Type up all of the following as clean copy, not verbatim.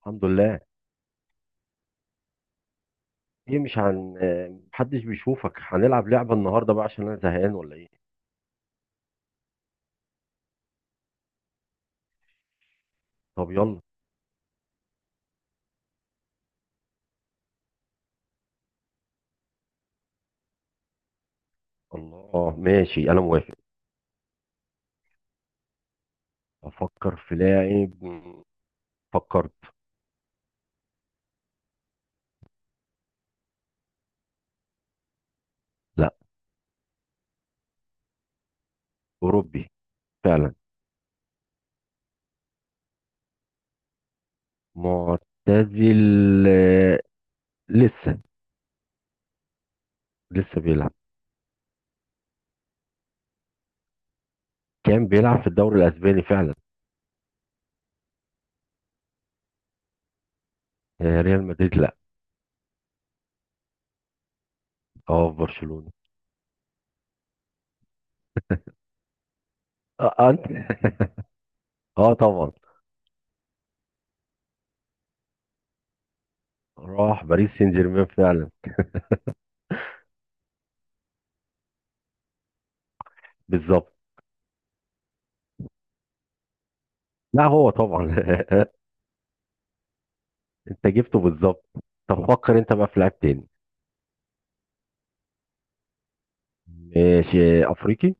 الحمد لله. ايه مش هن آه، محدش بيشوفك، هنلعب لعبة النهاردة بقى عشان انا زهقان ولا ايه؟ طب يلا. الله، اه ماشي انا موافق. افكر في لاعب فكرت. لا. اوروبي. فعلا. معتزل. آه، لسه لسه بيلعب. كان بيلعب في الدوري الاسباني فعلا. ريال مدريد، لا. اه في برشلونة. اه، انت اه طبعا. راح باريس سان جيرمان فعلا. بالظبط. لا هو طبعا. انت جبته بالظبط. طب فكر انت بقى في لاعب تاني. ماشي، افريقي.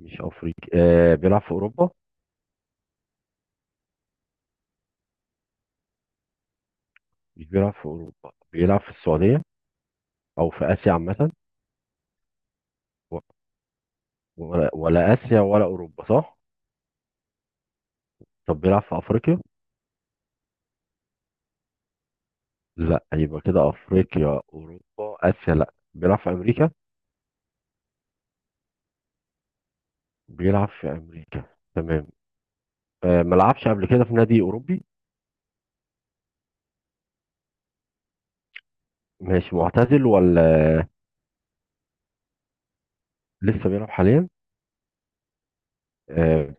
مش افريقي، بيلعب في اوروبا. مش بيلعب في اوروبا، بيلعب في السعوديه، او في اسيا عامه. و- ولا اسيا ولا اوروبا، صح. طب بيلعب في افريقيا؟ لا. يبقى كده افريقيا، اوروبا، اسيا لا، بيلعب في امريكا. بيلعب في امريكا. تمام. ما لعبش قبل كده في نادي اوروبي. ماشي، معتزل ولا؟ لسه بيلعب حاليا. آه.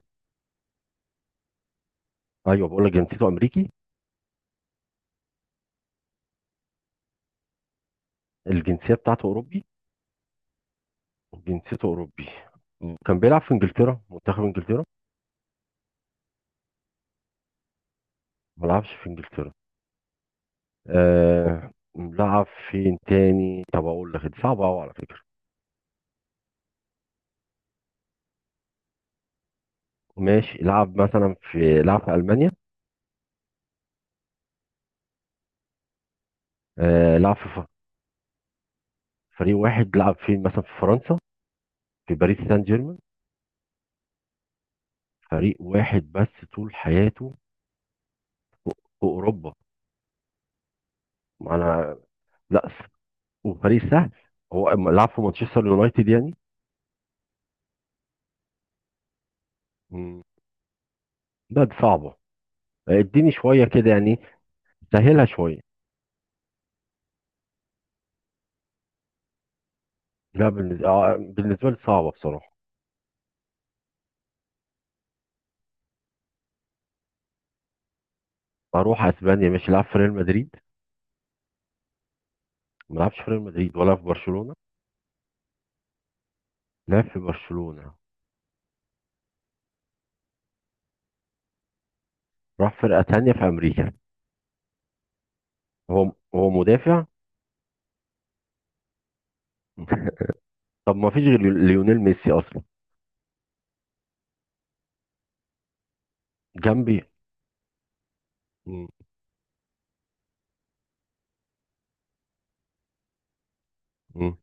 ايوه بقول لك جنسيته امريكي. الجنسيه بتاعته اوروبي. وجنسيته اوروبي. كان بيلعب في انجلترا، منتخب انجلترا. ما لعبش في انجلترا. آه لعب. فين تاني؟ طب اقول لك دي صعبه قوي على فكره. ماشي، لعب في المانيا. لعب في فريق واحد، لعب فين مثلا، في فرنسا؟ في باريس سان جيرمان. فريق واحد بس طول حياته. في اوروبا. ما انا. لا، وفريق سهل. هو أما لعب في مانشستر يونايتد يعني. مم. لا دي صعبه. اديني شويه كده يعني. سهلها شويه. لا، بالنسبه, آه بالنسبة لي صعبه بصراحه. اروح اسبانيا، ماشي، لعب في ريال مدريد. ما لعبش في ريال مدريد ولا في برشلونة. لعب في برشلونة. راح فرقة تانية في أمريكا. هو مدافع. طب ما فيش غير ليونيل ميسي أصلا. جنبي. مم. مم.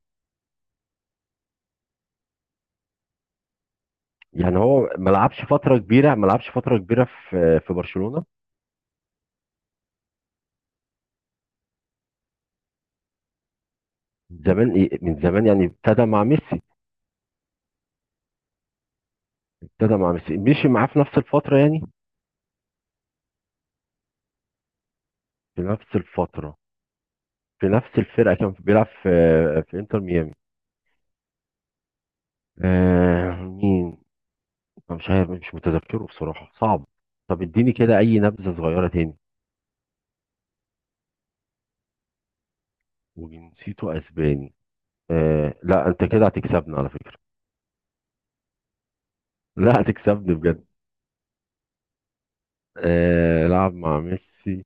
يعني هو ما لعبش فترة كبيرة في برشلونة. زمان إيه، من زمان يعني، ابتدى مع ميسي. ابتدى مع ميسي، مشي معاه في نفس الفترة يعني. في نفس الفترة. في نفس الفرقة كان بيلعب في، في انتر ميامي. مين؟ أنا مش عارف، مش متذكره بصراحة، صعب. طب اديني كده أي نبذة صغيرة تاني. وجنسيته اسباني. لا، انت كده هتكسبني على فكرة. لا هتكسبني بجد. لعب مع ميسي.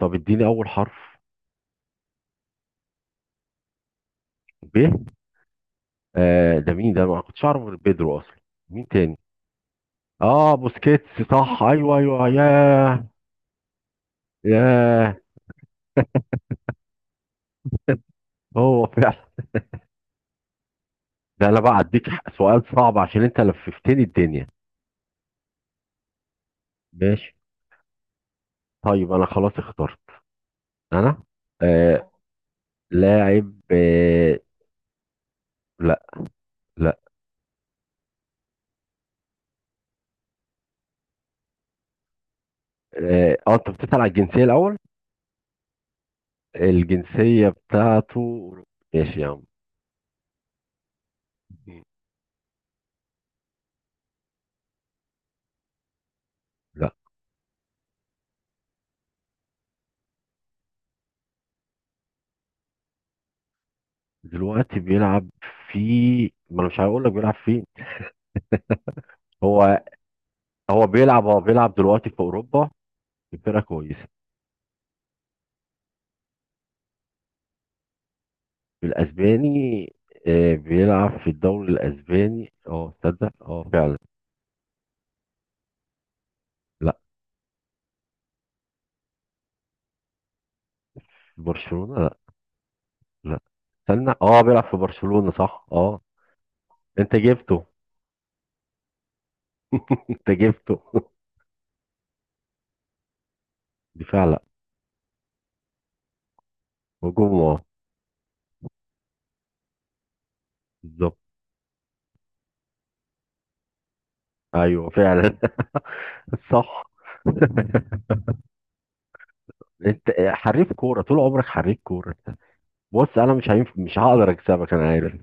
طب اديني اول حرف. ب. ده مين ده؟ أنا ما كنتش اعرف غير بيدرو اصلا. مين تاني؟ اه، بوسكيتس، صح، ايوه ايوه، ياه. ياه. هو فعلا. ده انا بقى اديك سؤال صعب، عشان انت لففتني الدنيا. ماشي. طيب انا خلاص اخترت. انا. آه لاعب، آه لا. لا. اه، انت بتسأل على الجنسية الاول؟ الجنسية بتاعته أوروبي. ماشي يا عم. مم. لا. دلوقتي بيلعب في، ما أنا مش هقول لك بيلعب فين. هو، هو بيلعب دلوقتي في أوروبا، في فرقة كويسة. الأسباني. بيلعب في الدوري الأسباني، اه، تصدق، اه، فعلا. لا في برشلونة، لا لا. استنى، اه، بيلعب في برشلونة، صح، اه. انت جبته. انت جبته. دفاع، لا. هجوم، اه. بالظبط. ايوه فعلا. صح. انت حريف كوره، طول عمرك حريف كوره. بص انا مش مش هقدر اكسبك، انا عارف.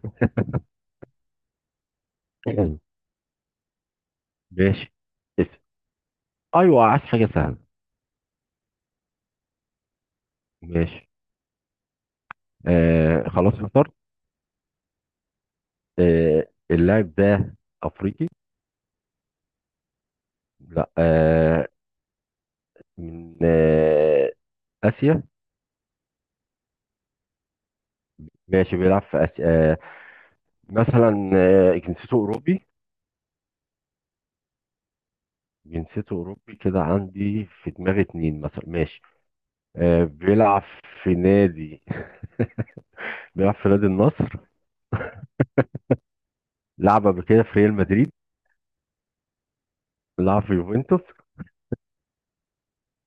ماشي. اسم. ايوه، عايز حاجه سهله. ماشي. خلاص اخترت. اللاعب ده افريقي؟ لا. من اسيا. ماشي، بيلعب في اسيا. آه. مثلا جنسيته اوروبي. جنسيته اوروبي، كده عندي في دماغي اتنين مثلا، ماشي. بيلعب في نادي، بيلعب في نادي النصر. لعب قبل كده في ريال مدريد. لعب في يوفنتوس.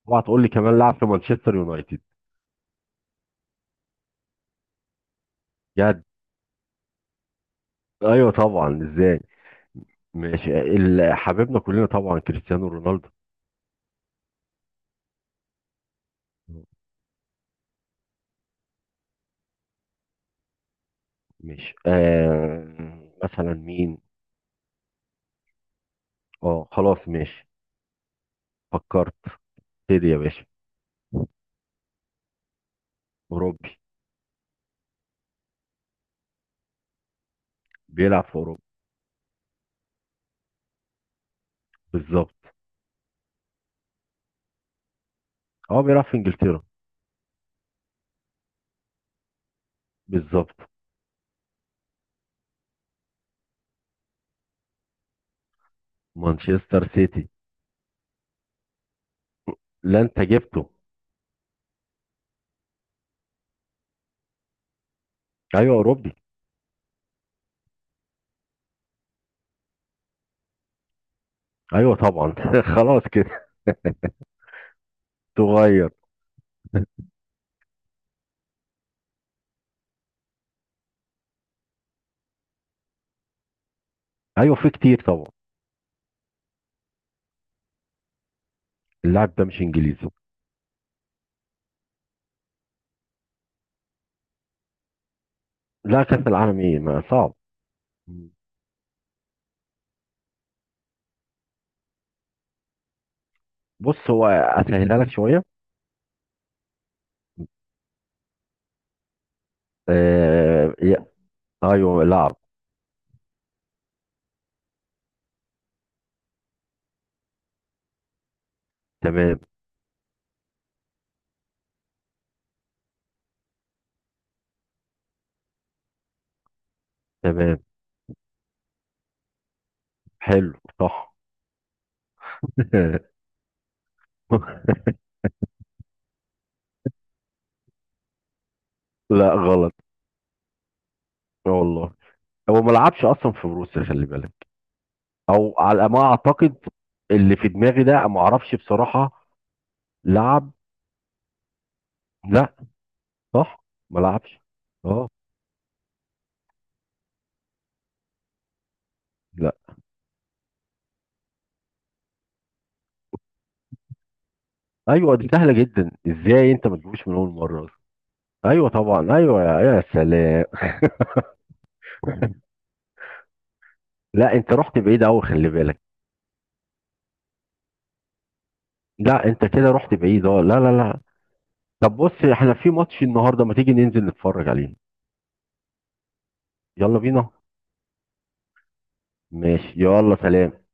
اوعى تقول لي كمان لعب في مانشستر يونايتد. بجد. ايوه طبعا، ازاي. مش حبيبنا كلنا طبعا، كريستيانو رونالدو. مش مثلا مين. اه، خلاص، ماشي. فكرت. ابتدي يا باشا. اوروبي. بيلعب في اوروبا. بالظبط. اه بيلعب في انجلترا. بالظبط. مانشستر سيتي. لا انت جبته. ايوه اوروبي. ايوه طبعا، خلاص كده. تغير. ايوه في كتير طبعا. اللاعب ده مش انجليزي. لا كاس العالم ايه، ما صعب. بص هو اسهلها لك شويه. آه... يا- ايوه لعب. تمام. تمام. حلو. صح. لا غلط. آه والله. هو ما لعبش اصلا في بروسيا، خلي بالك، او على ما اعتقد. اللي في دماغي ده ما اعرفش بصراحه. لعب. لا. صح. ما لعبش. اه. لا. ايوه دي سهله جدا، ازاي انت ما تجيبوش من اول مره أصلاً؟ ايوه طبعا، ايوه، يا سلام. لا انت رحت بعيد قوي خلي بالك. لا انت كده رحت بعيد، اه لا لا لا. طب بص احنا في ماتش النهارده، ما تيجي ننزل نتفرج عليه. يلا بينا. ماشي يلا سلام.